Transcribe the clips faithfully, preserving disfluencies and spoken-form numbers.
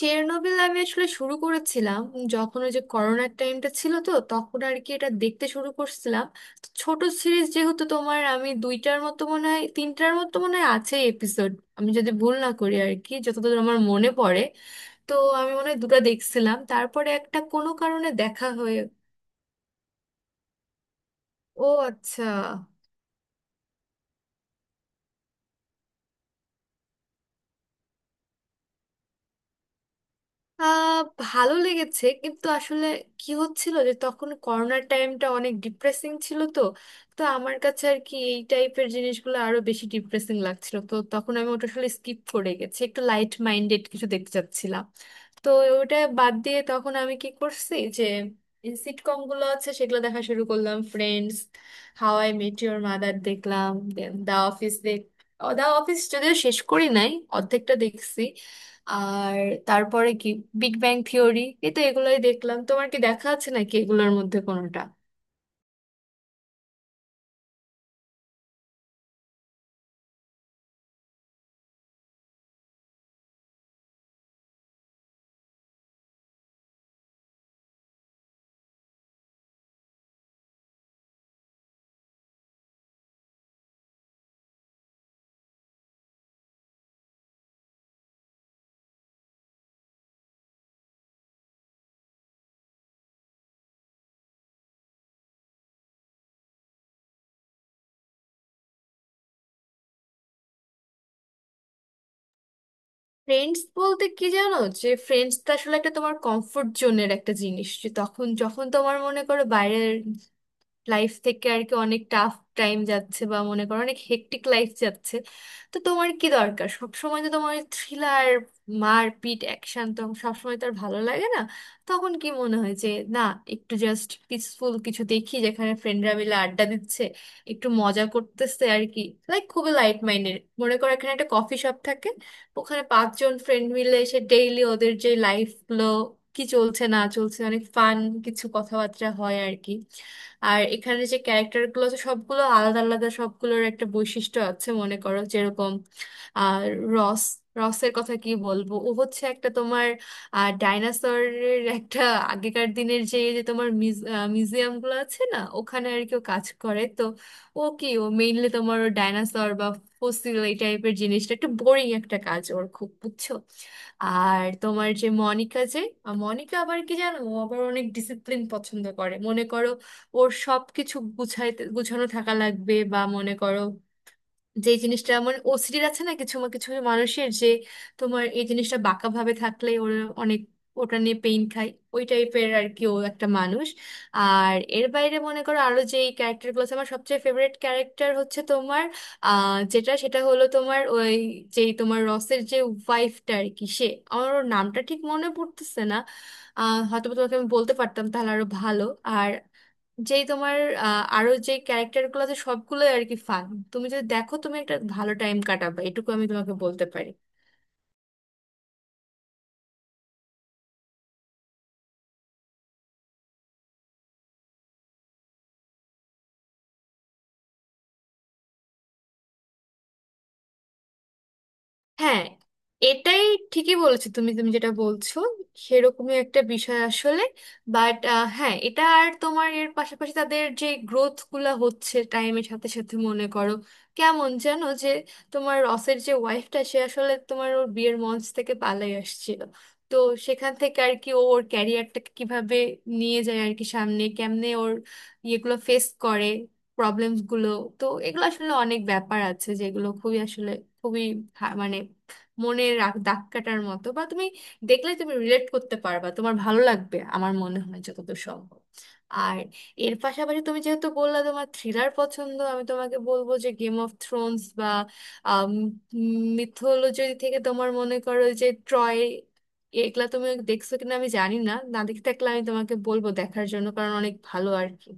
Chernobyl আমি আসলে শুরু করেছিলাম যখন ওই যে করোনার টাইমটা ছিল, তো তখন আর কি এটা দেখতে শুরু করছিলাম। তো ছোট সিরিজ যেহেতু তোমার, আমি দুইটার মতো মনে হয় তিনটার মতো মনে হয় আছে এপিসোড, আমি যদি ভুল না করি আর কি, যতদূর আমার মনে পড়ে। তো আমি মনে হয় দুটো দেখছিলাম, তারপরে একটা কোনো কারণে দেখা হয়ে। ও আচ্ছা। আহ ভালো লেগেছে, কিন্তু আসলে কি হচ্ছিল যে তখন করোনার টাইমটা অনেক ডিপ্রেসিং ছিল, তো তো আমার কাছে আর কি এই টাইপের জিনিসগুলো আরো বেশি ডিপ্রেসিং লাগছিল। তো তখন আমি ওটা আসলে স্কিপ করে গেছি, একটু লাইট মাইন্ডেড কিছু দেখতে চাচ্ছিলাম। তো ওটা বাদ দিয়ে তখন আমি কি করছি যে সিটকম গুলো আছে সেগুলো দেখা শুরু করলাম। Friends, How I Met Your Mother দেখলাম, then দা অফিস দেখ ও, দা অফিস যদিও শেষ করি নাই, অর্ধেকটা দেখছি। আর তারপরে কি, বিগ ব্যাং থিওরি। এই তো এগুলোই দেখলাম, তোমার কি দেখা আছে নাকি এগুলোর মধ্যে কোনোটা? ফ্রেন্ডস বলতে কি জানো, যে ফ্রেন্ডস তো আসলে একটা তোমার কমফোর্ট জোনের একটা জিনিস। যে তখন যখন তোমার মনে করো বাইরের লাইফ থেকে আর কি অনেক টাফ টাইম যাচ্ছে, বা মনে করো অনেক হেক্টিক লাইফ যাচ্ছে, তো তোমার কি দরকার? সব সময় তো তোমার থ্রিলার, মারপিট, অ্যাকশন তো সবসময় তো আর ভালো লাগে না। তখন কি মনে হয় যে না, একটু জাস্ট পিসফুল কিছু দেখি, যেখানে ফ্রেন্ডরা মিলে আড্ডা দিচ্ছে, একটু মজা করতেছে আর কি। লাইক খুবই লাইট মাইন্ডেড। মনে করো এখানে একটা কফি শপ থাকে, ওখানে পাঁচজন ফ্রেন্ড মিলে এসে ডেইলি ওদের যে লাইফ গুলো কি চলছে না চলছে, অনেক ফান কিছু কথাবার্তা হয় আর কি। আর এখানে যে ক্যারেক্টার গুলো আছে সবগুলো আলাদা আলাদা, সবগুলোর একটা বৈশিষ্ট্য আছে মনে করো। যেরকম আর রস, রসের কথা কি বলবো, ও হচ্ছে একটা তোমার ডাইনোসরের একটা আগেকার দিনের যে যে তোমার মিউজিয়াম গুলো আছে না, ওখানে আর কি ও কাজ করে। তো ও কি, ও মেইনলি তোমার ডাইনোসর বা ফসিল এই টাইপের জিনিসটা, একটু বোরিং একটা কাজ ওর, খুব বুঝছো। আর তোমার যে মনিকা, যে মনিকা আবার কি জানো, ও আবার অনেক ডিসিপ্লিন পছন্দ করে। মনে করো ওর সব কিছু গুছাইতে, গুছানো থাকা লাগবে। বা মনে করো যে জিনিসটা মানে ওসিডির আছে না কিছু কিছু মানুষের, যে তোমার এই জিনিসটা বাঁকা ভাবে থাকলে ওর অনেক, ওটা নিয়ে পেইন খায়, ওই টাইপের আর কি ও একটা মানুষ। আর এর বাইরে মনে করো আরো যে ক্যারেক্টারগুলো আছে, আমার সবচেয়ে ফেভারিট ক্যারেক্টার হচ্ছে তোমার আহ যেটা, সেটা হলো তোমার ওই যেই তোমার রসের যে ওয়াইফটা আর কি, সে, আমার ওর নামটা ঠিক মনে পড়তেছে না। আহ হয়তো বা তোমাকে আমি বলতে পারতাম তাহলে আরো ভালো। আর যেই তোমার আহ, আরো যে ক্যারেক্টার গুলো আছে সবগুলোই আর কি ফান। তুমি যদি দেখো, তুমি একটা ভালো টাইম কাটাবে, এটুকু আমি তোমাকে বলতে পারি। হ্যাঁ, এটাই, ঠিকই বলেছো তুমি, তুমি যেটা বলছো সেরকমই একটা বিষয় আসলে। বাট হ্যাঁ, এটা আর তোমার এর পাশাপাশি তাদের যে গ্রোথ গুলা হচ্ছে টাইমের সাথে সাথে, মনে করো কেমন জানো যে তোমার রসের যে ওয়াইফটা, সে আসলে তোমার ওর বিয়ের মঞ্চ থেকে পালাই আসছিল। তো সেখান থেকে আর কি ও ওর ক্যারিয়ারটাকে কিভাবে নিয়ে যায় আর কি, সামনে কেমনে ওর ইয়েগুলো ফেস করে, প্রবলেমস গুলো। তো এগুলো আসলে অনেক ব্যাপার আছে যেগুলো খুবই আসলে খুবই হা- মানে মনে রাখ- দাগ কাটার মতো। বা তুমি দেখলে তুমি রিলেট করতে পারবা, তোমার ভালো লাগবে আমার মনে হয় যতদূর সম্ভব। আর এর পাশাপাশি তুমি যেহেতু বললা তোমার থ্রিলার পছন্দ, আমি তোমাকে বলবো যে গেম অফ থ্রোনস বা মিথোলজি থেকে তোমার মনে করো যে ট্রয়, এগুলা তুমি দেখছো কিনা আমি জানি না। না দেখে থাকলে আমি তোমাকে বলবো দেখার জন্য, কারণ অনেক ভালো আর কি।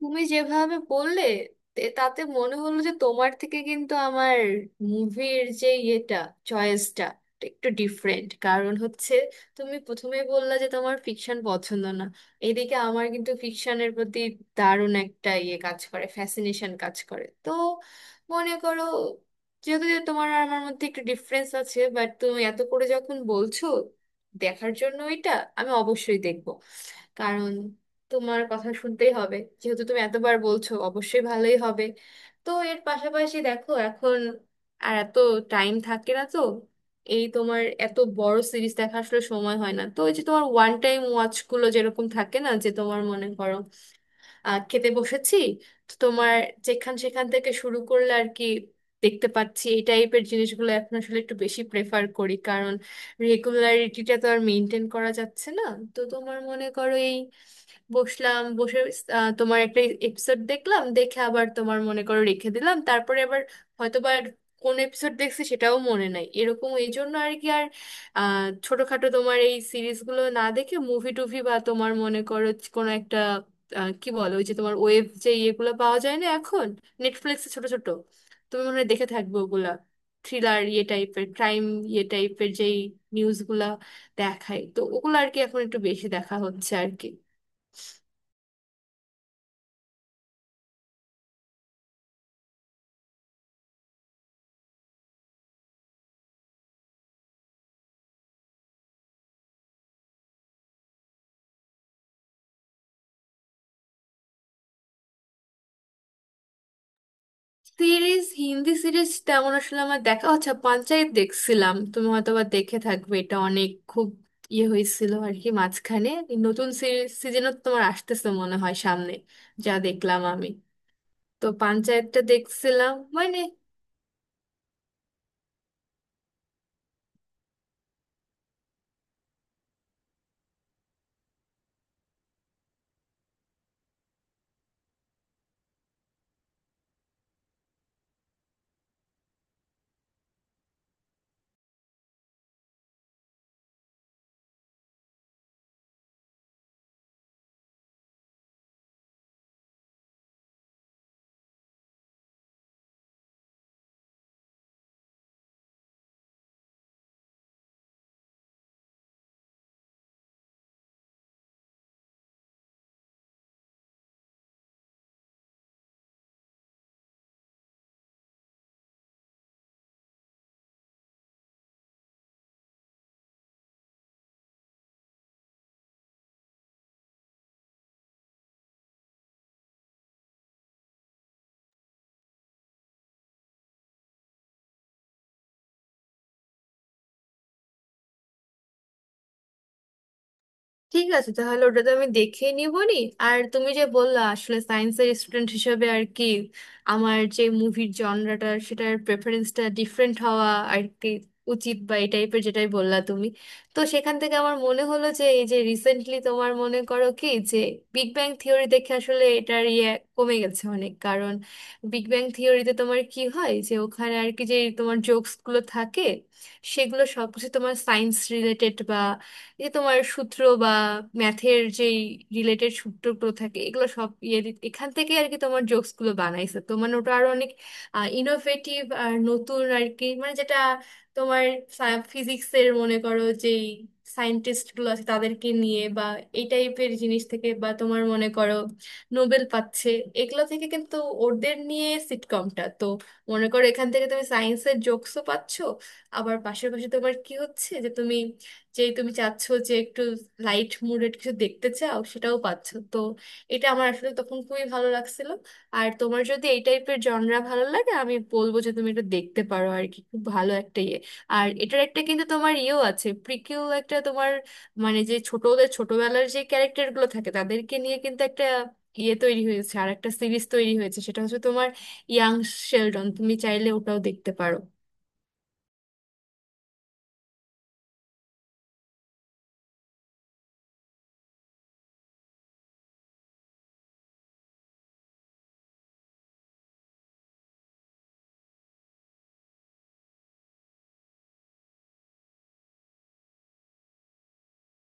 তুমি যেভাবে বললে, তে- তাতে মনে হলো যে তোমার থেকে কিন্তু আমার মুভির যে ইয়েটা, চয়েসটা একটু ডিফারেন্ট। কারণ হচ্ছে তুমি প্রথমে বললা যে তোমার ফিকশন পছন্দ না, এদিকে আমার কিন্তু ফিকশনের প্রতি দারুণ একটা ইয়ে কাজ করে, ফ্যাসিনেশন কাজ করে। তো মনে করো যেহেতু যে তোমার আর আমার মধ্যে একটু ডিফারেন্স আছে, বাট তুমি এত করে যখন বলছো দেখার জন্য, এটা আমি অবশ্যই দেখবো। কারণ তোমার কথা শুনতেই হবে, যেহেতু তুমি এতবার বলছো অবশ্যই ভালোই হবে। তো এর পাশাপাশি দেখো এখন আর এত টাইম থাকে না তো, এই তোমার এত বড় সিরিজ দেখা আসলে সময় হয় না। তো ওই যে তোমার ওয়ান টাইম ওয়াচ গুলো যেরকম থাকে না, যে তোমার মনে করো আহ, খেতে বসেছি, তো তোমার যেখান সেখান থেকে শুরু করলে আর কি দেখতে পাচ্ছি, এই টাইপের জিনিসগুলো এখন আসলে একটু বেশি প্রেফার করি। কারণ রেগুলারিটিটা তো আর মেনটেন করা যাচ্ছে না। তো তোমার মনে করো এই বসলাম, বসে আহ, তোমার একটা এপিসোড দেখলাম, দেখে আবার তোমার মনে করো রেখে দিলাম, তারপরে আবার হয়তো বা আর কোন এপিসোড দেখছি সেটাও মনে নাই, এরকম। এই জন্য আর কি আর আহ, ছোটখাটো তোমার এই সিরিজগুলো না দেখে মুভি টুভি বা তোমার মনে করো কোনো একটা, আহ, কি বলো ওই যে তোমার ওয়েব যে ইয়েগুলো পাওয়া যায় না এখন নেটফ্লিক্সে, ছোট ছোট, তুমি মনে হয় দেখে থাকবে ওগুলা, থ্রিলার ইয়ে টাইপের ক্রাইম ইয়ে টাইপের যেই নিউজগুলা দেখায়, তো ওগুলো আর কি এখন একটু বেশি দেখা হচ্ছে আর কি। সিরিজ, হিন্দি সিরিজ তেমন আসলে আমার দেখা। আচ্ছা পঞ্চায়েত দেখছিলাম, তুমি হয়তো বা দেখে থাকবে, এটা অনেক খুব ইয়ে হয়েছিল আর কি। মাঝখানে এই নতুন সিরিজ সিজনও তোমার আসতেছে মনে হয় সামনে, যা দেখলাম আমি। তো পঞ্চায়েতটা দেখছিলাম মানে। ঠিক আছে, তাহলে ওটা তো আমি দেখে নিবনি। আর তুমি যে বললা আসলে সায়েন্সের স্টুডেন্ট হিসেবে আর কি আমার যে মুভির জনরাটা, সেটার প্রেফারেন্সটা ডিফারেন্ট হওয়া আর কি উচিত, বা এই টাইপের যেটাই বললা তুমি। তো সেখান থেকে আমার মনে হলো যে এই যে রিসেন্টলি তোমার মনে করো কি যে বিগ ব্যাং থিওরি দেখে আসলে এটার ইয়ে কমে গেছে অনেক। কারণ বিগ ব্যাং থিওরিতে তোমার কি হয় যে ওখানে আর কি যে তোমার জোকসগুলো থাকে সেগুলো সবকিছু তোমার সায়েন্স রিলেটেড। যে তোমার সূত্র বা ম্যাথের যেই রিলেটেড সূত্রগুলো থাকে, এগুলো সব ইয়ে দি- এখান থেকে আর কি তোমার জোকসগুলো বানাইছে। তো মানে ওটা আরো অনেক ইনোভেটিভ আর নতুন আর কি, মানে যেটা তোমার ফিজিক্সের মনে করো যেই সায়েন্টিস্ট গুলো আছে তাদেরকে নিয়ে, বা এই টাইপের জিনিস থেকে, বা তোমার মনে করো নোবেল পাচ্ছে এগুলো থেকে। কিন্তু ওদের নিয়ে সিটকমটা তো মনে করো, এখান থেকে তুমি সায়েন্সের জোকসও পাচ্ছ, আবার পাশাপাশি তোমার কি হচ্ছে যে তুমি, যে তুমি চাচ্ছো যে একটু লাইট মুডেড কিছু দেখতে চাও সেটাও পাচ্ছ। তো এটা আমার আসলে তখন খুবই ভালো লাগছিল। আর তোমার যদি এই টাইপের জনরা ভালো লাগে, আমি বলবো যে তুমি এটা দেখতে পারো আর কি, খুব ভালো একটা ইয়ে। আর এটার একটা কিন্তু তোমার ইয়েও আছে, প্রিকিউ একটা তোমার, মানে যে ছোটদের ছোটবেলার যে ক্যারেক্টার গুলো থাকে তাদেরকে নিয়ে কিন্তু একটা ইয়ে তৈরি হয়েছে, আর একটা সিরিজ তৈরি হয়েছে। সেটা হচ্ছে তোমার ইয়াং শেলডন, তুমি চাইলে ওটাও দেখতে পারো।